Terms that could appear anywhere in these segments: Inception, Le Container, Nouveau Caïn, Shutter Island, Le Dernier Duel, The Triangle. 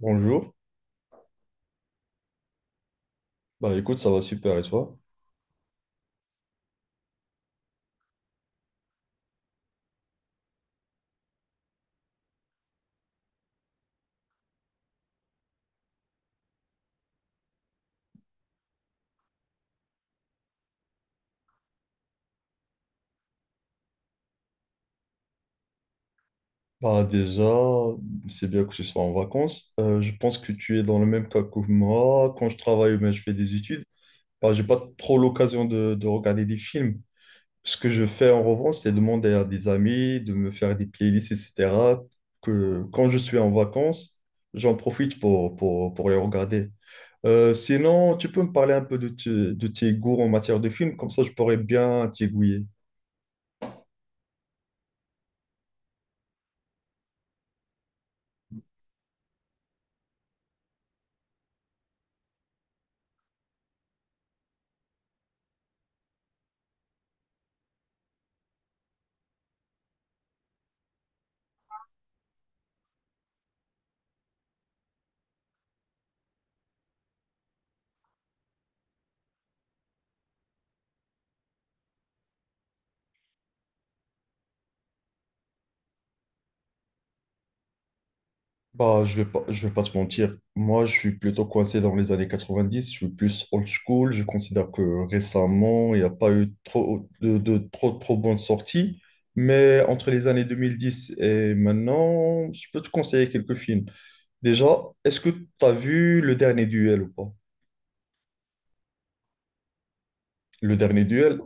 Bonjour. Bah écoute, ça va super et toi? Bah déjà, c'est bien que tu sois en vacances. Je pense que tu es dans le même cas que moi. Quand je travaille, ou mais je fais des études, bah j'ai pas trop l'occasion de regarder des films. Ce que je fais en revanche, c'est demander à des amis de me faire des playlists, etc. Que quand je suis en vacances, j'en profite pour les regarder. Sinon, tu peux me parler un peu de, de tes goûts en matière de films, comme ça je pourrais bien t'aiguiller. Bah, je vais pas te mentir. Moi, je suis plutôt coincé dans les années 90. Je suis plus old school. Je considère que récemment, il n'y a pas eu trop de trop bonnes sorties. Mais entre les années 2010 et maintenant, je peux te conseiller quelques films. Déjà, est-ce que tu as vu Le Dernier Duel ou pas? Le Dernier Duel,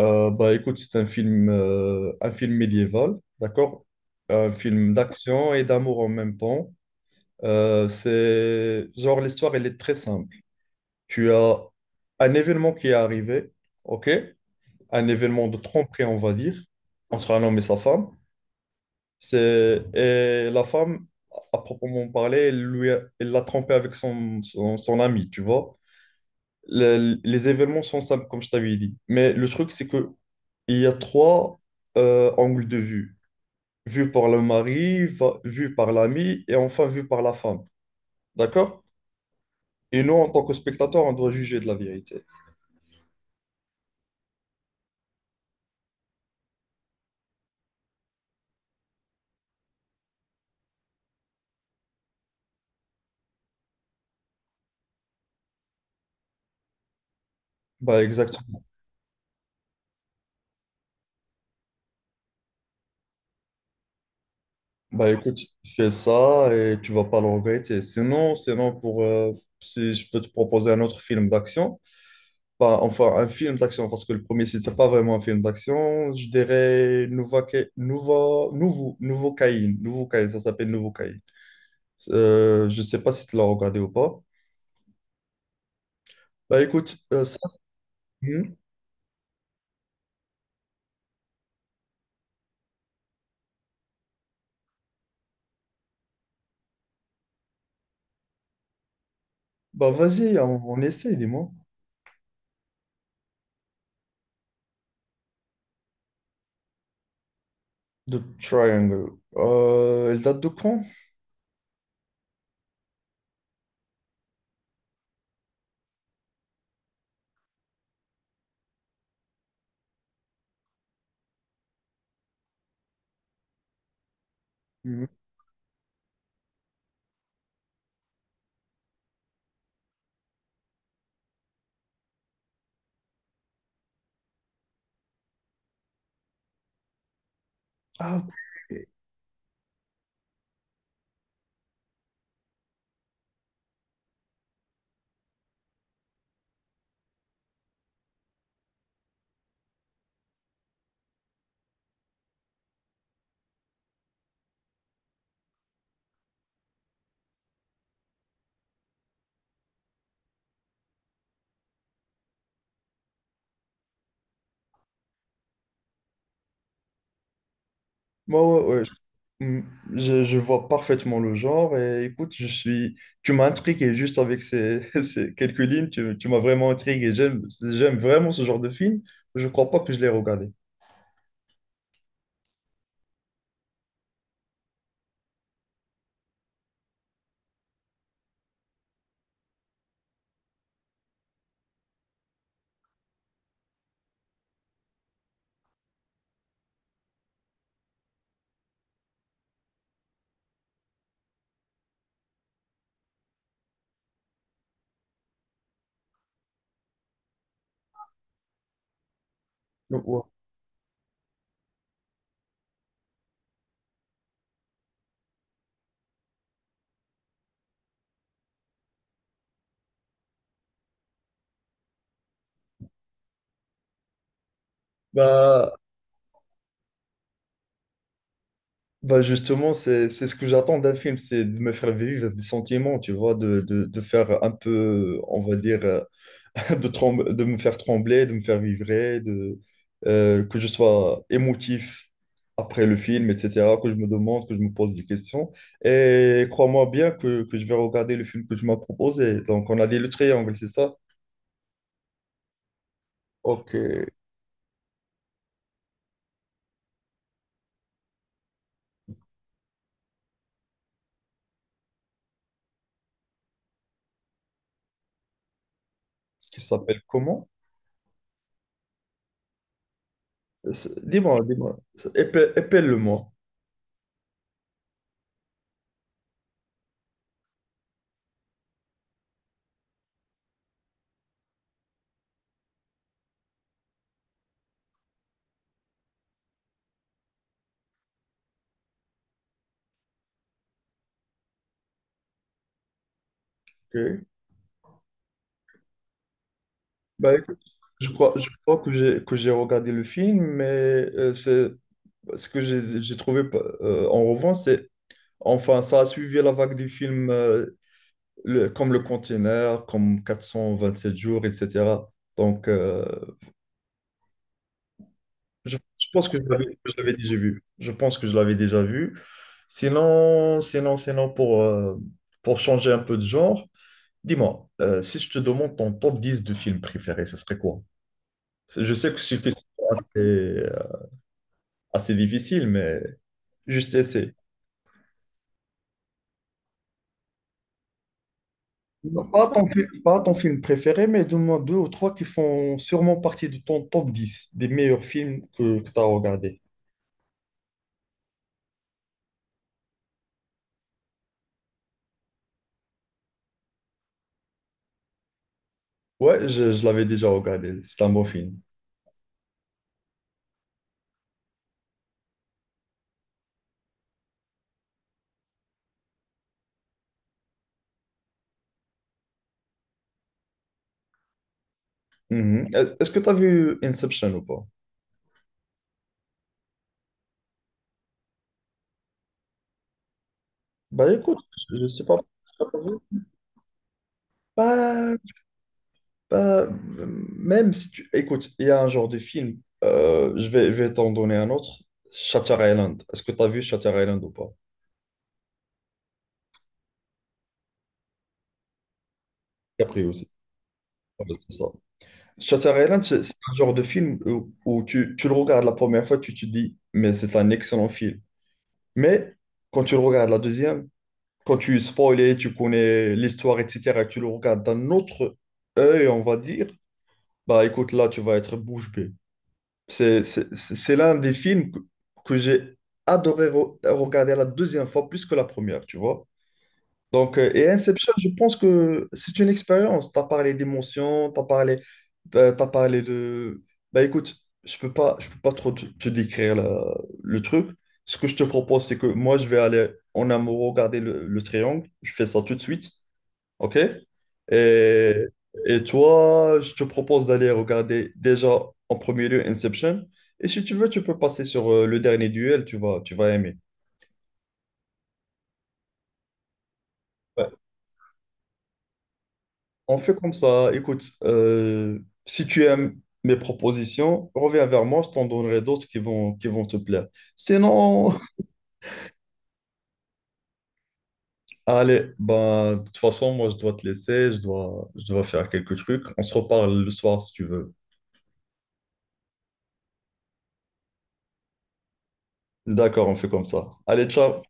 bah, écoute, c'est un un film médiéval, d'accord? Un film d'action et d'amour en même temps. C'est genre l'histoire, elle est très simple. Tu as un événement qui est arrivé, ok? Un événement de tromperie, on va dire, entre un homme et sa femme. C'est, et la femme, à proprement parler, elle l'a trompé avec son ami, tu vois? Le- les événements sont simples, comme je t'avais dit. Mais le truc, c'est que il y a trois angles de vue. Vu par le mari, vu par l'ami et enfin vu par la femme. D'accord? Et nous, en tant que spectateurs, on doit juger de la vérité. Bah exactement. Bah écoute, fais ça et tu vas pas le regretter. Sinon pour si je peux te proposer un autre film d'action, bah enfin un film d'action parce que le premier c'était pas vraiment un film d'action, je dirais Nouveau Caïn, ça s'appelle Nouveau Caïn. Je sais pas si tu l'as regardé ou pas. Bah écoute, ça, hmm. Bah vas-y, on essaie, dis-moi. The Triangle. Elle date de quand? Hmm. Ah, ouais, ouais, ouais. Hmm. Je vois parfaitement le genre et écoute, je suis... Tu m'as intrigué juste avec ces, ces quelques lignes, tu m'as vraiment intrigué. J'aime vraiment ce genre de film. Je crois pas que je l'ai regardé. Ouais. Bah, Bah justement, c'est ce que j'attends d'un film, c'est de me faire vivre des sentiments, tu vois, de faire un peu, on va dire, de me faire trembler, de me faire vibrer, que je sois émotif après le film, etc., que je me demande, que je me pose des questions. Et crois-moi bien que je vais regarder le film que tu m'as proposé. Donc, on a dit le triangle, c'est ça? Ok, qui s'appelle comment? Dis-moi, épelle, épelle-le-moi. Ok. Bah, écoute, je crois que j'ai regardé le film, mais c'est ce que j'ai trouvé en revanche, c'est enfin ça a suivi la vague du film comme Le Container, comme 427 jours, etc. Donc euh, je pense que je l'avais déjà vu. Je pense que je l'avais déjà vu. Sinon pour changer un peu de genre, dis-moi, si je te demande ton top 10 de films préférés, ça serait quoi? Je sais que c'est une question assez... Ah, c'est difficile, mais juste essaie. Non, pas ton, pas ton film préféré, mais donne-moi deux ou trois qui font sûrement partie de ton top 10 des meilleurs films que tu as regardé. Ouais, je l'avais déjà regardé. C'est un bon film. Mhm. Est-ce que tu as vu Inception ou pas? Bah écoute, je sais pas. Pas, pas, euh, même si tu... Écoute, il y a un genre de film, je vais t'en donner un autre, Shutter Island. Est-ce que tu as vu Shutter Island ou pas? Capri aussi. Ouais, c'est ça. Shutter Island, c'est un genre de film où tu le regardes la première fois, tu te dis, mais c'est un excellent film. Mais quand tu le regardes la deuxième, quand tu es spoilé, tu connais l'histoire, etc., et tu le regardes d'un autre œil, on va dire, bah écoute, là, tu vas être bouche bée. C'est l'un des films que j'ai adoré regarder la deuxième fois plus que la première, tu vois. Donc, et Inception, je pense que c'est une expérience. Tu as parlé d'émotions, tu as parlé... t'as parlé de... Bah écoute, je peux pas trop te décrire le truc. Ce que je te propose, c'est que moi, je vais aller en amont regarder le triangle. Je fais ça tout de suite, ok? Et, et toi, je te propose d'aller regarder déjà en premier lieu Inception. Et si tu veux, tu peux passer sur le dernier duel, tu vas aimer. Ouais. On fait comme ça. Écoute, si tu aimes mes propositions, reviens vers moi, je t'en donnerai d'autres qui vont te plaire. Sinon, allez, ben, de toute façon, moi, je dois te laisser, je dois faire quelques trucs. On se reparle le soir si tu veux. D'accord, on fait comme ça. Allez, ciao.